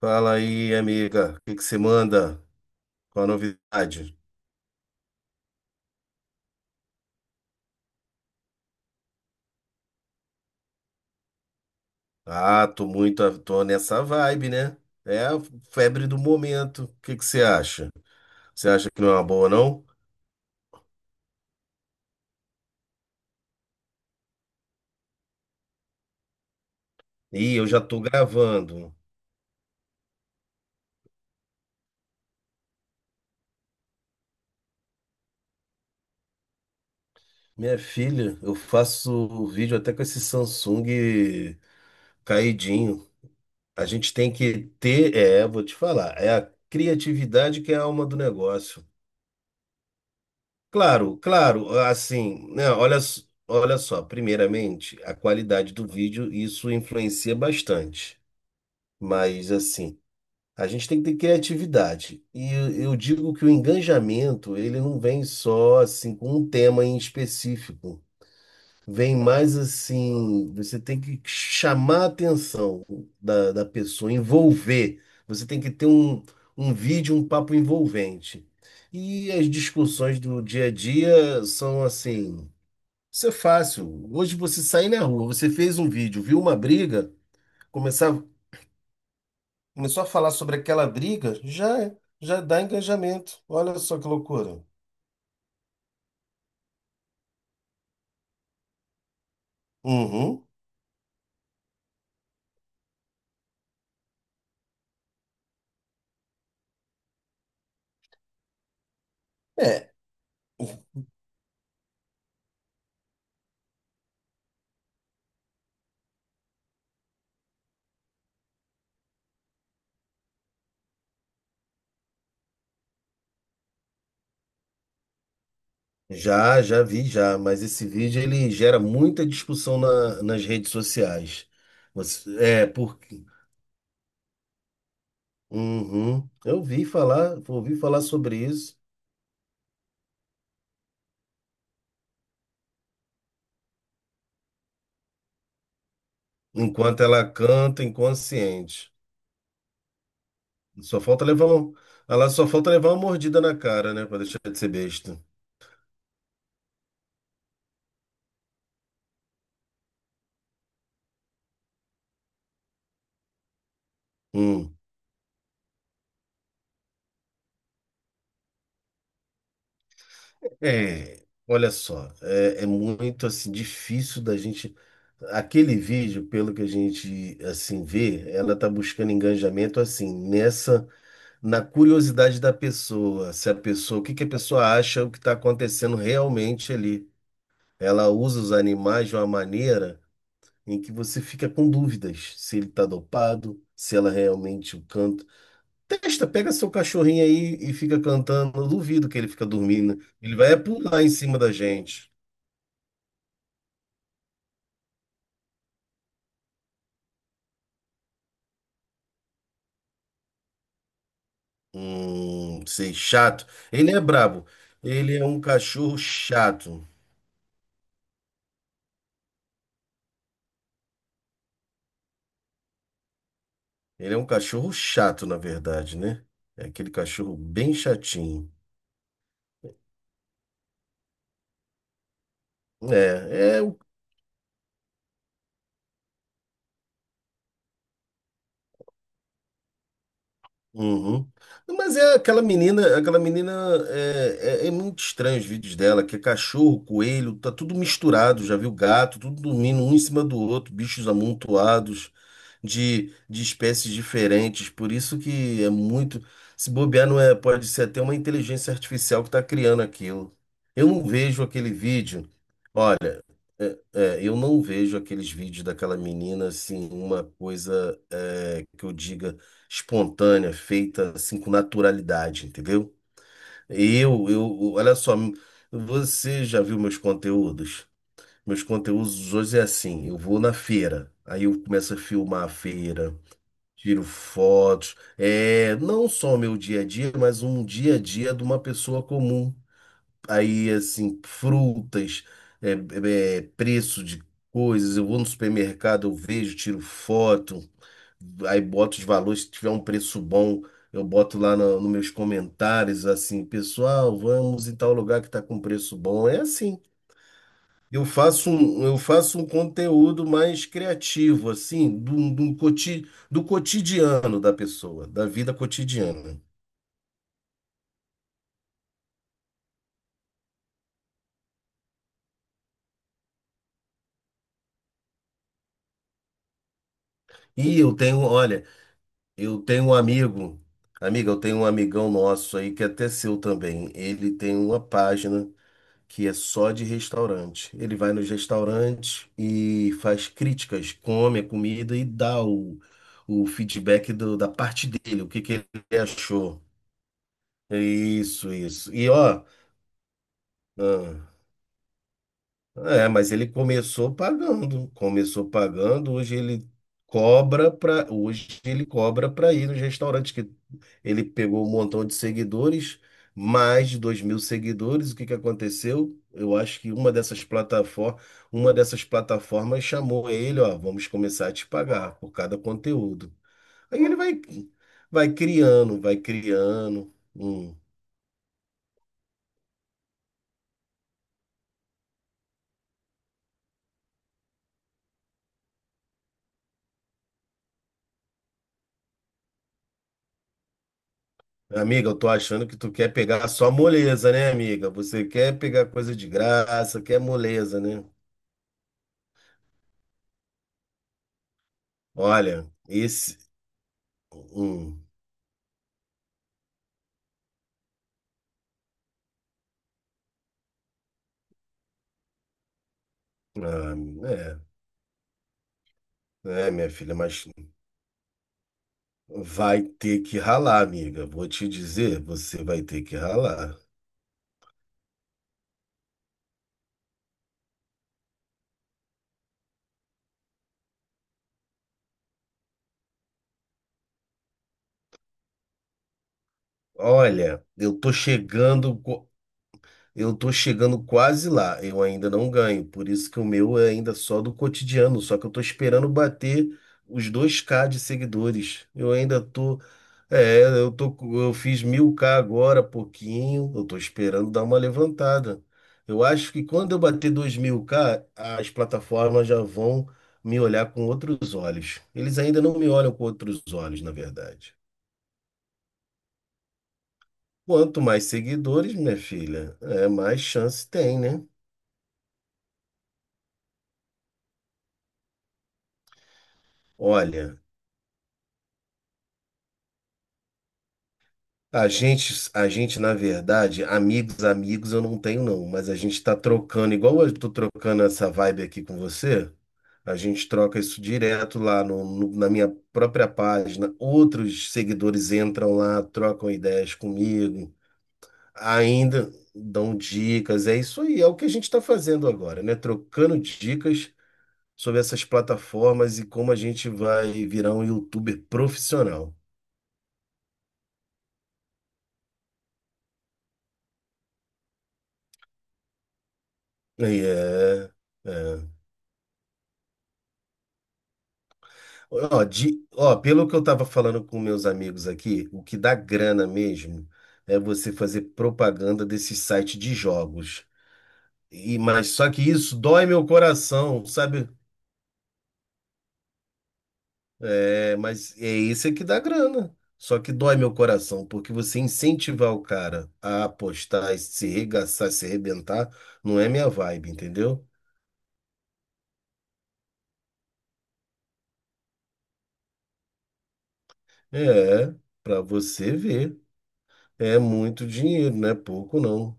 Fala aí, amiga. O que que você manda? Qual a novidade? Ah, tô muito, tô nessa vibe, né? É a febre do momento. O que que você acha? Você acha que não é uma boa, não? Ih, eu já tô gravando. Minha filha, eu faço vídeo até com esse Samsung caidinho. A gente tem que ter, vou te falar, é a criatividade que é a alma do negócio. Claro, claro, assim, né, olha, olha só, primeiramente, a qualidade do vídeo, isso influencia bastante, mas assim, a gente tem que ter criatividade, e eu digo que o engajamento, ele não vem só assim com um tema em específico. Vem mais assim, você tem que chamar a atenção da pessoa, envolver. Você tem que ter um vídeo, um papo envolvente. E as discussões do dia a dia são assim, isso é fácil. Hoje você sair na rua, você fez um vídeo, viu uma briga, começar, começou a falar sobre aquela briga, já, já dá engajamento. Olha só que loucura. Uhum. É. Já, já vi já, mas esse vídeo ele gera muita discussão nas redes sociais. É, porque. Uhum, eu ouvi falar sobre isso. Enquanto ela canta inconsciente. Só falta levar um, ela só falta levar uma mordida na cara, né, para deixar de ser besta. Hum. Olha só, é muito assim difícil da gente. Aquele vídeo, pelo que a gente assim vê, ela tá buscando engajamento assim nessa na curiosidade da pessoa, se a pessoa, o que que a pessoa acha o que está acontecendo realmente ali. Ela usa os animais de uma maneira em que você fica com dúvidas se ele está dopado, se ela realmente o canta. Testa, pega seu cachorrinho aí e fica cantando. Eu duvido que ele fica dormindo. Ele vai é pular em cima da gente. Sei, chato. Ele é brabo. Ele é um cachorro chato. Ele é um cachorro chato, na verdade, né? É aquele cachorro bem chatinho. É, é, o- uhum. Mas é aquela menina é muito estranho os vídeos dela, que é cachorro, coelho, tá tudo misturado, já viu gato, tudo dormindo um em cima do outro, bichos amontoados de espécies diferentes, por isso que é muito, se bobear não é, pode ser até uma inteligência artificial que tá criando aquilo. Eu não vejo aquele vídeo. Ó, É, eu não vejo aqueles vídeos daquela menina assim, uma coisa é, que eu diga espontânea, feita assim com naturalidade, entendeu? Olha só, você já viu meus conteúdos? Meus conteúdos hoje é assim, eu vou na feira, aí eu começo a filmar a feira, tiro fotos, não só o meu dia a dia, mas um dia a dia de uma pessoa comum aí assim, frutas, preço de coisas. Eu vou no supermercado, eu vejo, tiro foto, aí boto os valores. Se tiver um preço bom, eu boto lá no, nos meus comentários, assim, pessoal, vamos em tal lugar que está com preço bom. É assim. Eu faço um conteúdo mais criativo, assim, do cotidiano da pessoa, da vida cotidiana. E eu tenho, olha. Eu tenho um amigo, amiga, eu tenho um amigão nosso aí que é até seu também. Ele tem uma página que é só de restaurante. Ele vai nos restaurantes e faz críticas, come a comida e dá o feedback da parte dele, o que que ele achou. É, isso, isso. E ó, ah, é, mas ele começou pagando, hoje ele cobra para ir nos restaurantes que ele pegou um montão de seguidores, mais de 2.000 seguidores. O que que aconteceu? Eu acho que uma dessas plataformas chamou ele, ó, vamos começar a te pagar por cada conteúdo. Aí ele vai criando, vai criando. Amiga, eu tô achando que tu quer pegar só moleza, né, amiga? Você quer pegar coisa de graça, quer moleza, né? Olha, esse. Hum, ah, é, minha filha, mas vai ter que ralar, amiga. Vou te dizer, você vai ter que ralar. Olha, Eu tô chegando quase lá, eu ainda não ganho, por isso que o meu é ainda só do cotidiano, só que eu tô esperando bater os 2K de seguidores. Eu ainda tô, é, eu tô, com- Eu fiz mil k agora, pouquinho, eu tô esperando dar uma levantada. Eu acho que quando eu bater dois mil k as plataformas já vão me olhar com outros olhos. Eles ainda não me olham com outros olhos, na verdade. Quanto mais seguidores, minha filha, é mais chance tem, né? Olha, a gente, na verdade, amigos, amigos eu não tenho não, mas a gente tá trocando, igual eu tô trocando essa vibe aqui com você, a gente troca isso direto lá na minha própria página. Outros seguidores entram lá, trocam ideias comigo, ainda dão dicas. É isso aí, é o que a gente está fazendo agora, né? Trocando dicas sobre essas plataformas e como a gente vai virar um youtuber profissional. E É, é. Ó, pelo que eu estava falando com meus amigos aqui, o que dá grana mesmo é você fazer propaganda desse site de jogos. Mas só que isso dói meu coração, sabe? É, mas é esse que dá grana. Só que dói meu coração, porque você incentivar o cara a apostar, e se regaçar, se arrebentar, não é minha vibe, entendeu? É, pra você ver. É muito dinheiro, não é pouco não.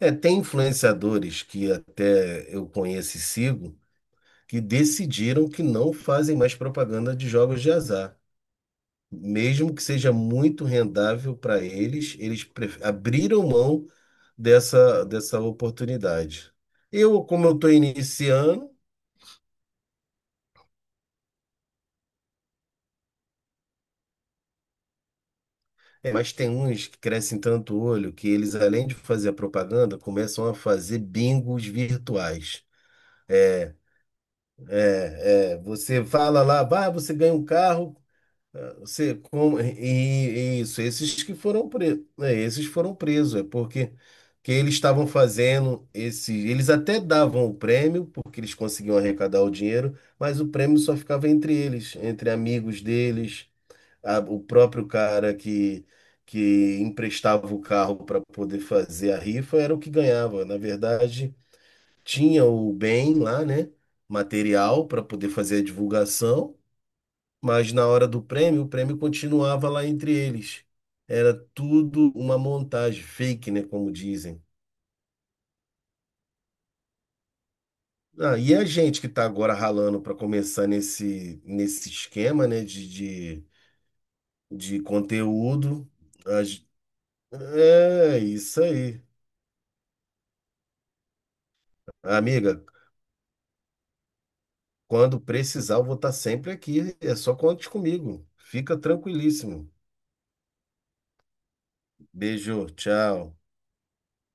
É, tem influenciadores que até eu conheço e sigo que decidiram que não fazem mais propaganda de jogos de azar. Mesmo que seja muito rendável para eles, eles abriram mão dessa oportunidade. Eu, como eu estou iniciando, mas tem uns que crescem tanto o olho que eles, além de fazer a propaganda, começam a fazer bingos virtuais. É, é, é. Você fala lá, "Bah, você ganha um carro. Você, e isso, esses que foram presos, esses foram presos, é porque que eles estavam fazendo eles até davam o prêmio porque eles conseguiam arrecadar o dinheiro, mas o prêmio só ficava entre eles, entre amigos deles, o próprio cara que emprestava o carro para poder fazer a rifa era o que ganhava. Na verdade, tinha o bem lá, né, material para poder fazer a divulgação, mas na hora do prêmio, o prêmio continuava lá entre eles. Era tudo uma montagem fake, né, como dizem. Ah, e a gente que está agora ralando para começar nesse esquema, né, de, de conteúdo, a gen- é isso aí. Amiga, quando precisar, eu vou estar sempre aqui. É só conte comigo. Fica tranquilíssimo. Beijo, tchau.